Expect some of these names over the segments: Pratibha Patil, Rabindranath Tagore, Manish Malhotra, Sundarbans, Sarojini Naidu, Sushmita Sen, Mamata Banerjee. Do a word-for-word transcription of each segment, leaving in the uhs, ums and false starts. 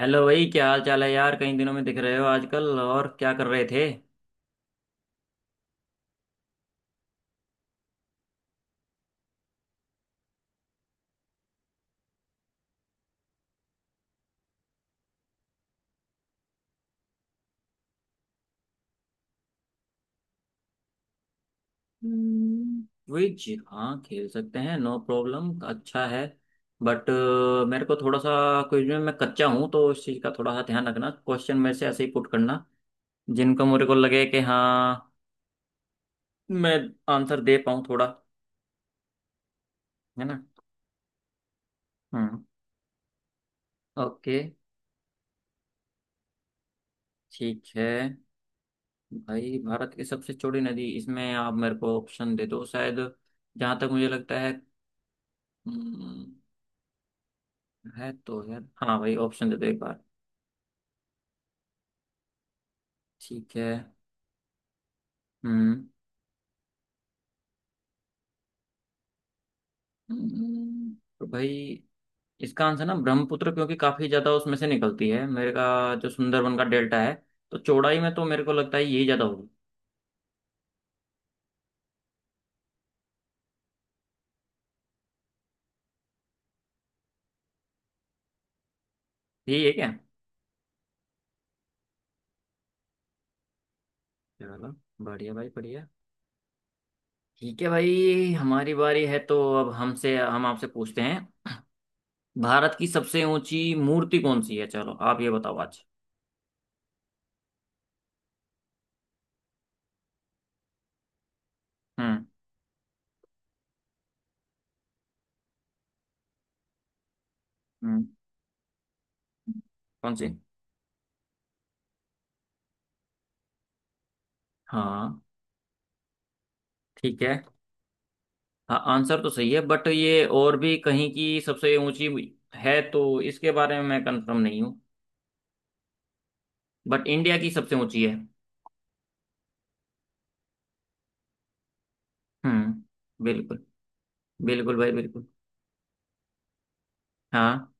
Hello भाई, क्या हाल चाल है यार। कई दिनों में दिख रहे हो। आजकल और क्या कर रहे थे। क्विज? हाँ, खेल सकते हैं, नो प्रॉब्लम, अच्छा है। बट मेरे को थोड़ा सा क्विज में मैं कच्चा हूँ, तो उस चीज़ का थोड़ा सा ध्यान रखना। क्वेश्चन में से ऐसे ही पुट करना जिनको मेरे को लगे कि हाँ मैं आंसर दे पाऊँ थोड़ा। है ना। हम्म। ओके, ठीक है। भाई भारत की सबसे चौड़ी नदी, इसमें आप मेरे को ऑप्शन दे दो शायद। जहाँ तक मुझे लगता है हम्म, है तो है। हाँ भाई, ऑप्शन दे दो एक बार। ठीक है। हम्म। हम्म, तो भाई इसका आंसर ना ब्रह्मपुत्र, क्योंकि काफी ज्यादा उसमें से निकलती है मेरे का। जो सुंदरबन का डेल्टा है, तो चौड़ाई में तो मेरे को लगता है यही ज्यादा होगी। यही है क्या? चलो। बढ़िया भाई बढ़िया। ठीक है भाई, हमारी बारी है, तो अब हमसे हम आपसे पूछते हैं। भारत की सबसे ऊंची मूर्ति कौन सी है, चलो आप ये बताओ आज। हम्म। हम्म। कौन सी? हाँ। ठीक है। हाँ, आंसर तो सही है, बट ये और भी कहीं की सबसे ऊंची है, तो इसके बारे में मैं कंफर्म नहीं हूँ। बट इंडिया की सबसे ऊंची है। हम्म। बिल्कुल। बिल्कुल भाई बिल्कुल। हाँ।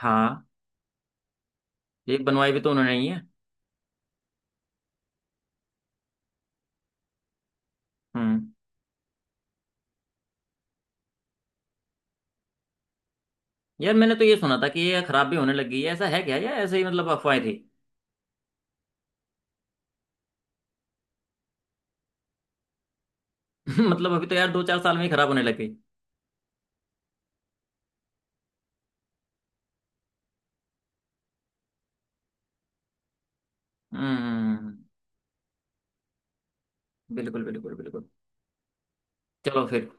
हाँ, ये बनवाई भी तो उन्होंने ही है। हम्म। यार, मैंने तो ये सुना था कि ये खराब भी होने लगी है, ऐसा है क्या, या ऐसे ही मतलब अफवाहें थी। मतलब अभी तो यार दो चार साल में ही खराब होने लग गई। हम्म। बिल्कुल बिल्कुल बिल्कुल। चलो फिर।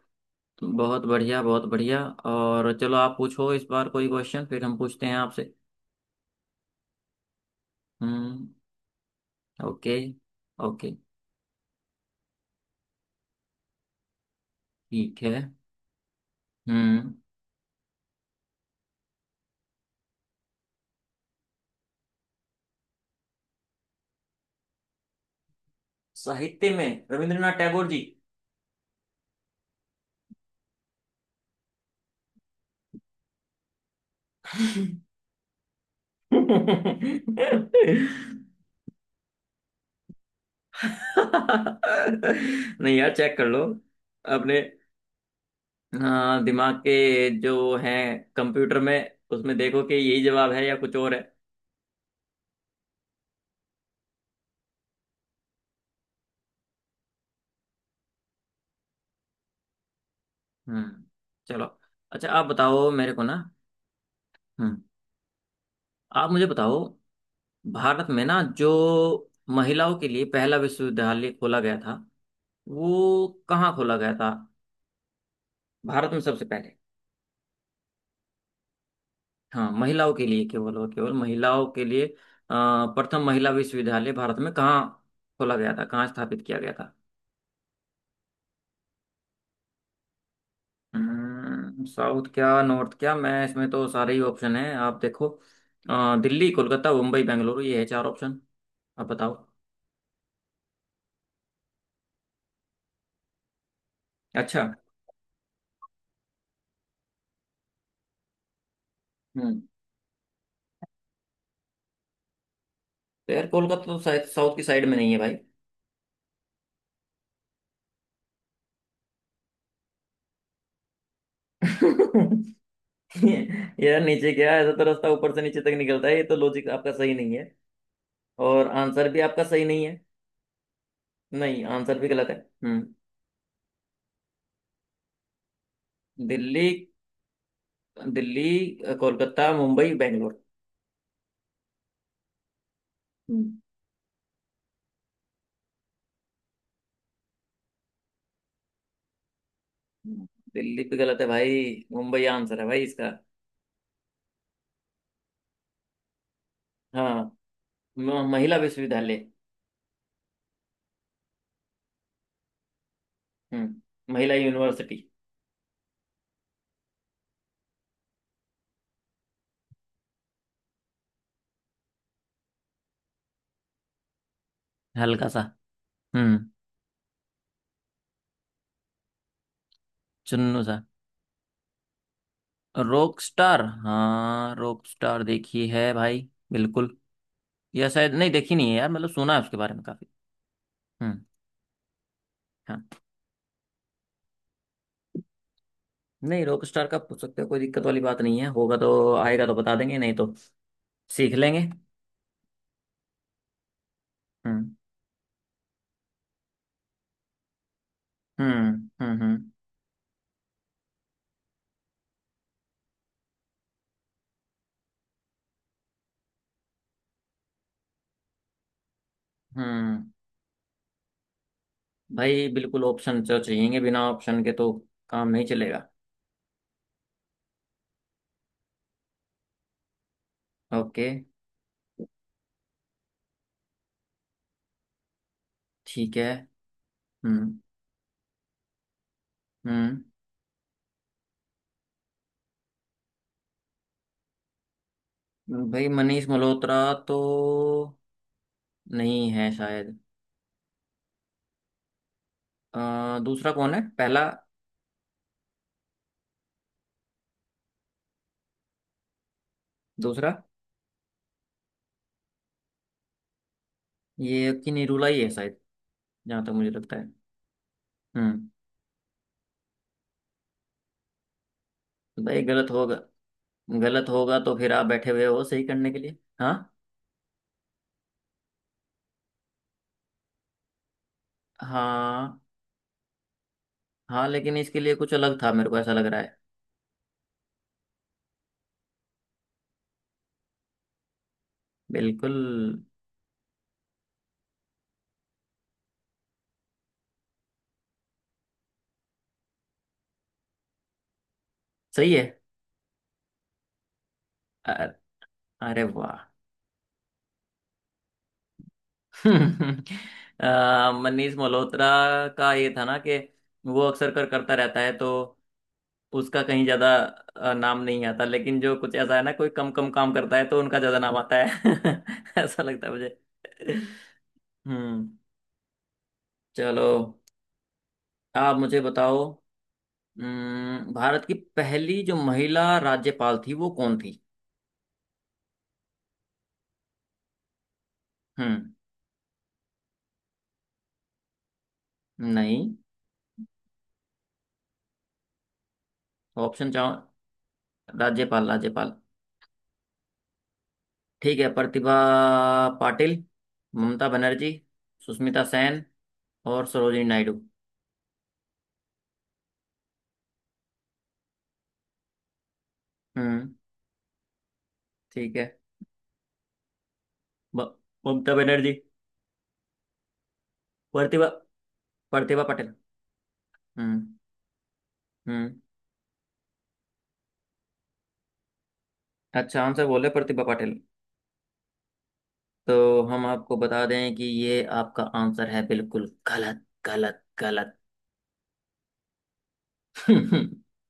बहुत बढ़िया बहुत बढ़िया। और चलो आप पूछो इस बार कोई क्वेश्चन, फिर हम पूछते हैं आपसे। हम्म। ओके। ओके। ठीक है। हम्म। साहित्य में रविंद्रनाथ टैगोर जी। नहीं यार, चेक कर लो अपने, हाँ, दिमाग के जो है, कंप्यूटर में उसमें देखो कि यही जवाब है या कुछ और है। हम्म। चलो। अच्छा आप बताओ मेरे को ना। हम्म। आप मुझे बताओ, भारत में ना जो महिलाओं के लिए पहला विश्वविद्यालय खोला गया था, वो कहाँ खोला गया था, भारत में सबसे पहले। हाँ, महिलाओं के लिए, केवल और केवल महिलाओं के लिए। अ, प्रथम महिला विश्वविद्यालय भारत में कहाँ खोला गया था, कहाँ स्थापित किया गया था। हम्म, साउथ क्या नॉर्थ क्या, मैं इसमें तो सारे ही ऑप्शन हैं, आप देखो। अ, दिल्ली, कोलकाता, मुंबई, बेंगलुरु, ये है चार ऑप्शन। आप बताओ। अच्छा। हम्म। तो यार कोलकाता तो शायद साउथ की साइड में नहीं है भाई। यार नीचे क्या है? ऐसा तो रास्ता ऊपर से नीचे तक निकलता है, ये तो लॉजिक आपका सही नहीं है। और आंसर भी आपका सही नहीं। नहीं, आंसर भी गलत है। हम्म। दिल्ली। दिल्ली, कोलकाता, मुंबई, बेंगलोर। हम्म। दिल्ली भी गलत है भाई। मुंबई आंसर है भाई इसका। हाँ। म- महिला विश्वविद्यालय। हम्म, महिला यूनिवर्सिटी। हल्का सा। हम्म। चुन्नू सा। रॉक स्टार, हाँ रॉक स्टार देखी है भाई बिल्कुल। या शायद नहीं, देखी नहीं है यार, मतलब सुना है उसके बारे में काफी। हम्म। हाँ। नहीं, रॉक स्टार का पूछ सकते हो, कोई दिक्कत वाली बात नहीं है, होगा तो आएगा तो बता देंगे, नहीं तो सीख लेंगे। हम्म। हम्म। हम्म। हम्म। हम्म। भाई बिल्कुल, ऑप्शन तो चाहिएंगे, बिना ऑप्शन के तो काम नहीं चलेगा। ओके। ठीक है। हम्म। हम्म। भाई मनीष मल्होत्रा तो नहीं है शायद। अ, दूसरा कौन है, पहला? दूसरा? ये कि निरूला ही है शायद, जहाँ तक मुझे लगता है। हम्म। तो भाई गलत होगा, गलत होगा तो फिर आप बैठे हुए हो सही करने के लिए। हाँ। हाँ, हाँ लेकिन इसके लिए कुछ अलग था, मेरे को ऐसा लग रहा है। बिल्कुल। सही है। अरे वाह। अ, मनीष मल्होत्रा का ये था ना कि वो अक्सर कर करता रहता है, तो उसका कहीं ज्यादा अ, नाम नहीं आता, लेकिन जो कुछ ऐसा है ना, कोई कम कम काम करता है तो उनका ज्यादा नाम आता है। ऐसा लगता है मुझे। हम्म। चलो। आप मुझे बताओ, हम्म, भारत की पहली जो महिला राज्यपाल थी, वो कौन थी? हम्म। नहीं। ऑप्शन चाहो? राज्यपाल, राज्यपाल। ठीक है। प्रतिभा पाटिल, ममता बनर्जी, सुष्मिता सेन और सरोजिनी नायडू। हम्म। ठीक है। ब- ममता बनर्जी। प्रतिभा, प्रतिभा पाटिल। हम्म। हम्म। अच्छा, आंसर बोले प्रतिभा पाटिल। तो हम आपको बता दें कि ये आपका आंसर है, बिल्कुल गलत, गलत, गलत।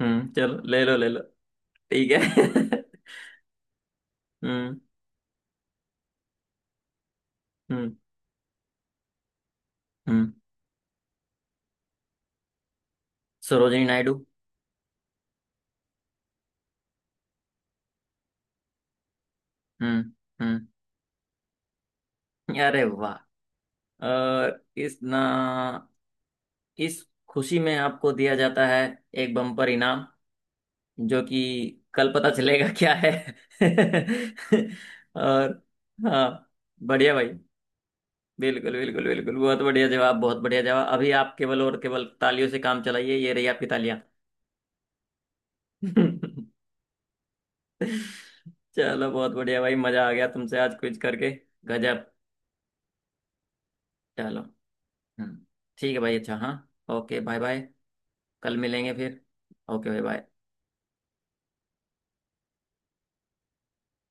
हम्म, चलो ले लो ले लो। ठीक है। हम्म। हम्म। हम्म। सरोजिनी नायडू। हम्म। हम्म। अरे वाह। और इस ना, इस खुशी में आपको दिया जाता है एक बम्पर इनाम, जो कि कल पता चलेगा क्या है। और हाँ। बढ़िया भाई। बिल्कुल बिल्कुल बिल्कुल, बहुत बढ़िया जवाब, बहुत बढ़िया जवाब। अभी आप केवल और केवल तालियों से काम चलाइए, ये रही आपकी तालियां। चलो बहुत बढ़िया भाई, मजा आ गया तुमसे आज क्विज करके। गजब। चलो। हम्म। ठीक है भाई, अच्छा, हाँ। Okay, bye bye. कल मिलेंगे फिर। ओके भाई, बाय।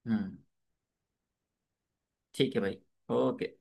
हम्म। ठीक है भाई। ओके।